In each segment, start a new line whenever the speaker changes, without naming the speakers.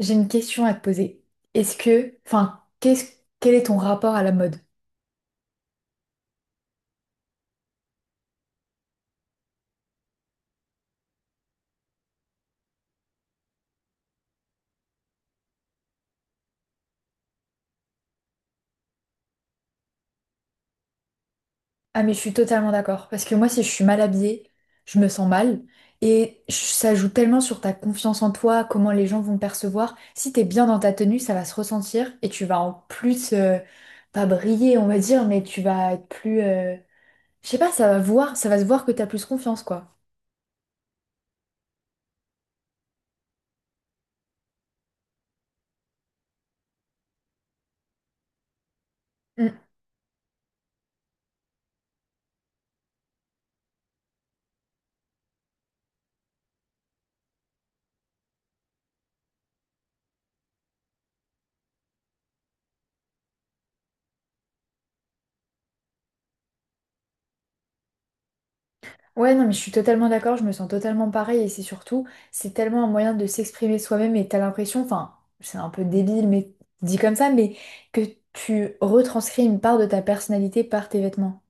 J'ai une question à te poser. Est-ce que, quel est ton rapport à la mode? Ah mais je suis totalement d'accord. Parce que moi, si je suis mal habillée, je me sens mal. Et ça joue tellement sur ta confiance en toi, comment les gens vont te percevoir. Si t'es bien dans ta tenue, ça va se ressentir et tu vas en plus, pas briller, on va dire, mais tu vas être plus. Je sais pas, ça va se voir que t'as plus confiance, quoi. Ouais, non, mais je suis totalement d'accord, je me sens totalement pareil et c'est surtout, c'est tellement un moyen de s'exprimer soi-même et t'as l'impression, enfin, c'est un peu débile, mais dit comme ça, mais que tu retranscris une part de ta personnalité par tes vêtements.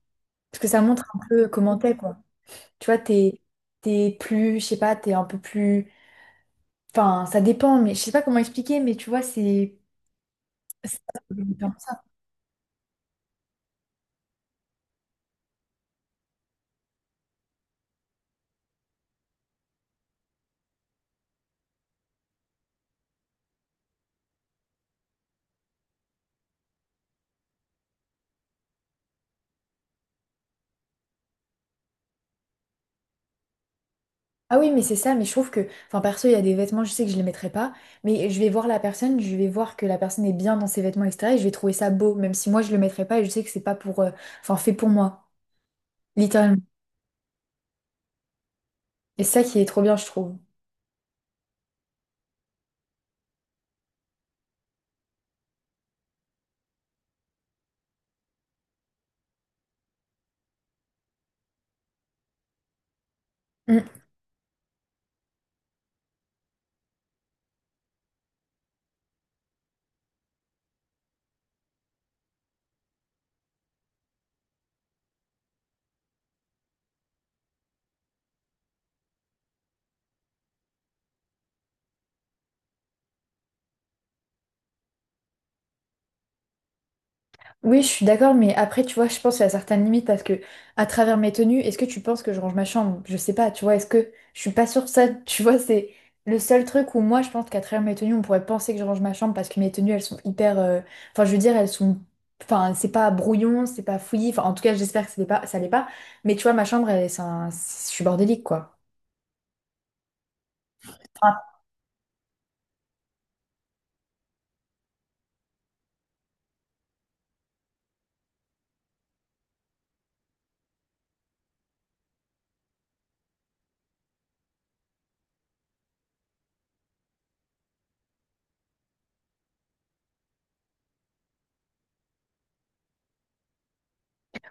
Parce que ça montre un peu comment t'es, quoi. Tu vois, t'es plus, je sais pas, t'es un peu plus, enfin, ça dépend, mais je sais pas comment expliquer, mais tu vois, c'est. Ah oui, mais c'est ça, mais je trouve que, enfin perso, il y a des vêtements, je sais que je les mettrai pas, mais je vais voir la personne, je vais voir que la personne est bien dans ses vêtements, etc. Et je vais trouver ça beau, même si moi je le mettrai pas et je sais que c'est pas pour, enfin fait pour moi, littéralement. Et c'est ça qui est trop bien, je trouve. Mm, mm. Oui, je suis d'accord, mais après, tu vois, je pense qu'il y a certaines limites parce que, à travers mes tenues, est-ce que tu penses que je range ma chambre? Je sais pas, tu vois, est-ce que je suis pas sûre de ça, tu vois, c'est le seul truc où moi, je pense qu'à travers mes tenues, on pourrait penser que je range ma chambre parce que mes tenues, elles sont hyper, enfin, je veux dire, elles sont, enfin, c'est pas brouillon, c'est pas fouillis, enfin, en tout cas, j'espère que ça l'est pas, mais tu vois, ma chambre, elle, je suis bordélique, quoi. Enfin,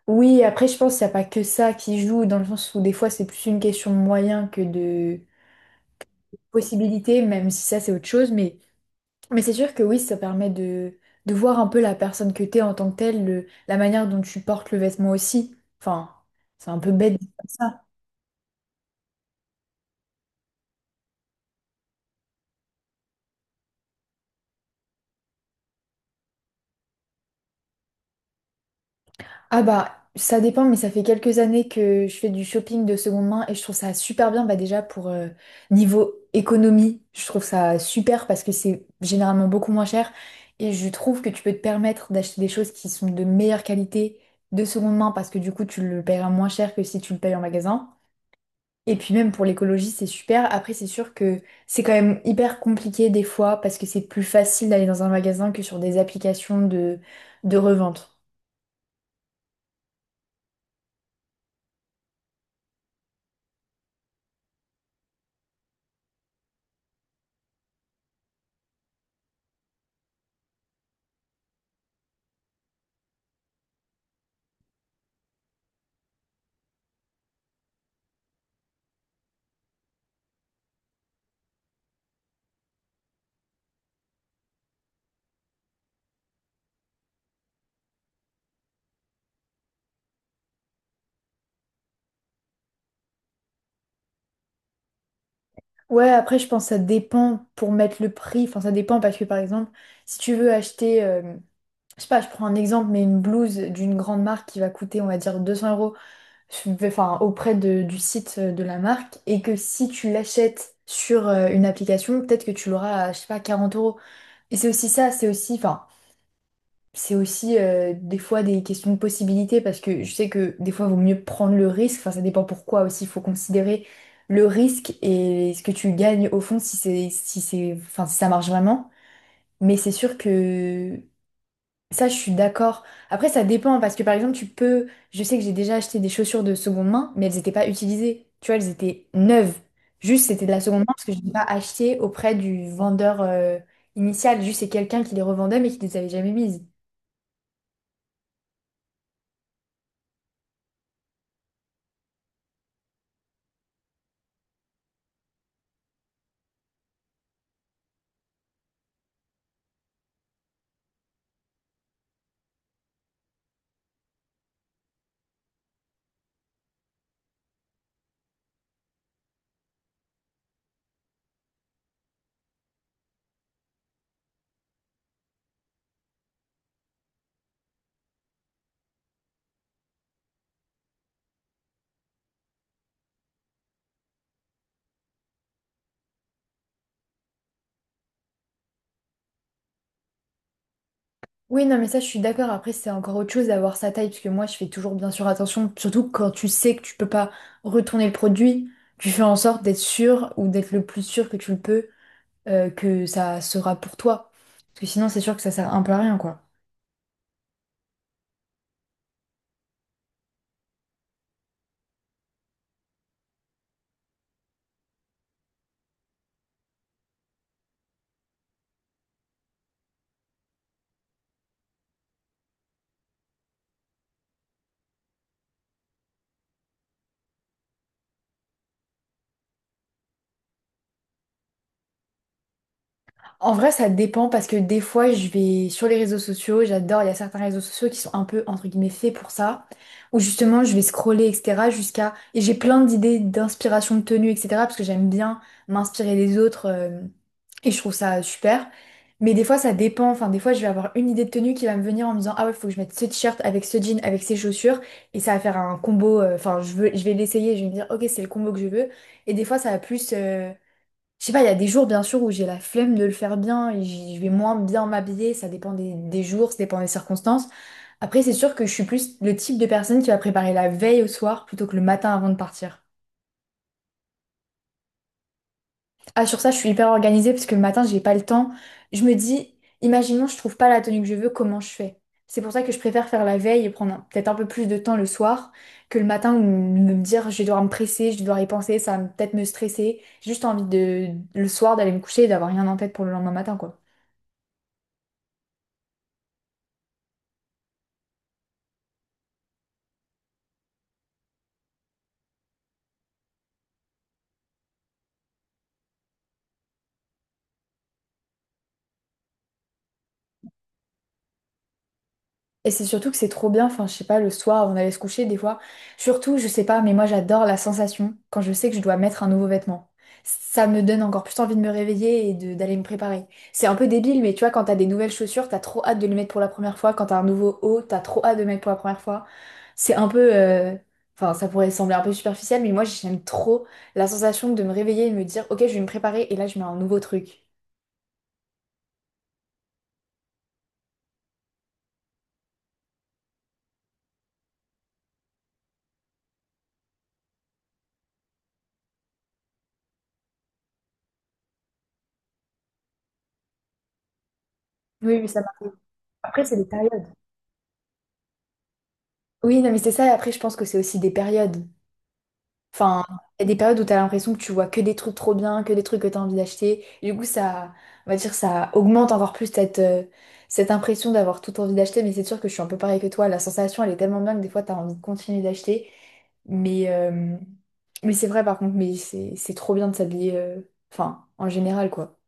oui, après, je pense qu'il n'y a pas que ça qui joue, dans le sens où des fois, c'est plus une question de moyens que de possibilités, même si ça, c'est autre chose, mais. Mais c'est sûr que oui, ça permet de voir un peu la personne que t'es en tant que telle, la manière dont tu portes le vêtement aussi. Enfin, c'est un peu bête de dire ça. Ah bah, ça dépend, mais ça fait quelques années que je fais du shopping de seconde main et je trouve ça super bien. Bah déjà, pour niveau économie, je trouve ça super parce que c'est généralement beaucoup moins cher et je trouve que tu peux te permettre d'acheter des choses qui sont de meilleure qualité de seconde main parce que du coup, tu le paieras moins cher que si tu le payes en magasin. Et puis même pour l'écologie, c'est super. Après, c'est sûr que c'est quand même hyper compliqué des fois parce que c'est plus facile d'aller dans un magasin que sur des applications de revente. Ouais, après, je pense que ça dépend pour mettre le prix. Enfin, ça dépend parce que par exemple, si tu veux acheter, je sais pas, je prends un exemple, mais une blouse d'une grande marque qui va coûter, on va dire, 200 euros, enfin, du site de la marque, et que si tu l'achètes sur une application, peut-être que tu l'auras à, je sais pas, 40 euros. Et c'est aussi ça, c'est aussi, enfin, c'est aussi des fois des questions de possibilité parce que je sais que des fois il vaut mieux prendre le risque, enfin ça dépend pourquoi aussi, il faut considérer le risque et ce que tu gagnes au fond si c'est enfin si ça marche vraiment. Mais c'est sûr que ça je suis d'accord. Après ça dépend parce que par exemple tu peux, je sais que j'ai déjà acheté des chaussures de seconde main mais elles n'étaient pas utilisées, tu vois elles étaient neuves. Juste c'était de la seconde main parce que je n'ai pas acheté auprès du vendeur initial, juste c'est quelqu'un qui les revendait mais qui les avait jamais mises. Oui, non, mais ça, je suis d'accord. Après, c'est encore autre chose d'avoir sa taille, parce que moi, je fais toujours bien sûr attention, surtout quand tu sais que tu peux pas retourner le produit, tu fais en sorte d'être sûr ou d'être le plus sûr que tu le peux, que ça sera pour toi. Parce que sinon, c'est sûr que ça sert un peu à rien, quoi. En vrai, ça dépend parce que des fois, je vais sur les réseaux sociaux, j'adore, il y a certains réseaux sociaux qui sont un peu, entre guillemets, faits pour ça, où justement, je vais scroller, etc., jusqu'à... Et j'ai plein d'idées d'inspiration de tenue, etc., parce que j'aime bien m'inspirer des autres, et je trouve ça super. Mais des fois, ça dépend, enfin, des fois, je vais avoir une idée de tenue qui va me venir en me disant, ah ouais, faut que je mette ce t-shirt avec ce jean, avec ces chaussures, et ça va faire un combo, enfin, je vais l'essayer, je vais me dire, ok, c'est le combo que je veux. Et des fois, ça va plus. Je sais pas, il y a des jours bien sûr où j'ai la flemme de le faire bien et je vais moins bien m'habiller, ça dépend des jours, ça dépend des circonstances. Après, c'est sûr que je suis plus le type de personne qui va préparer la veille au soir plutôt que le matin avant de partir. Ah, sur ça, je suis hyper organisée parce que le matin, j'ai pas le temps. Je me dis, imaginons, je trouve pas la tenue que je veux, comment je fais? C'est pour ça que je préfère faire la veille et prendre peut-être un peu plus de temps le soir que le matin où me dire je vais devoir me presser, je vais devoir y penser, ça va peut-être me stresser. J'ai juste envie de le soir d'aller me coucher et d'avoir rien en tête pour le lendemain matin, quoi. Et c'est surtout que c'est trop bien, enfin je sais pas, le soir avant d'aller se coucher des fois. Surtout, je sais pas, mais moi j'adore la sensation quand je sais que je dois mettre un nouveau vêtement. Ça me donne encore plus envie de me réveiller et d'aller me préparer. C'est un peu débile, mais tu vois, quand t'as des nouvelles chaussures, t'as trop hâte de les mettre pour la première fois. Quand t'as un nouveau haut, t'as trop hâte de le mettre pour la première fois. C'est un peu... euh, Enfin, ça pourrait sembler un peu superficiel, mais moi j'aime trop la sensation de me réveiller et de me dire, ok, je vais me préparer et là je mets un nouveau truc. Oui, mais ça m'arrive. Après, c'est des périodes. Oui, non, mais c'est ça. Et après, je pense que c'est aussi des périodes. Enfin, il y a des périodes où tu as l'impression que tu vois que des trucs trop bien, que des trucs que tu as envie d'acheter. Et du coup, ça, on va dire, ça augmente encore plus cette, cette impression d'avoir tout envie d'acheter. Mais c'est sûr que je suis un peu pareil que toi. La sensation, elle est tellement bien que des fois, tu as envie de continuer d'acheter. Mais, mais c'est vrai, par contre, mais c'est trop bien de s'habiller, enfin, en général, quoi.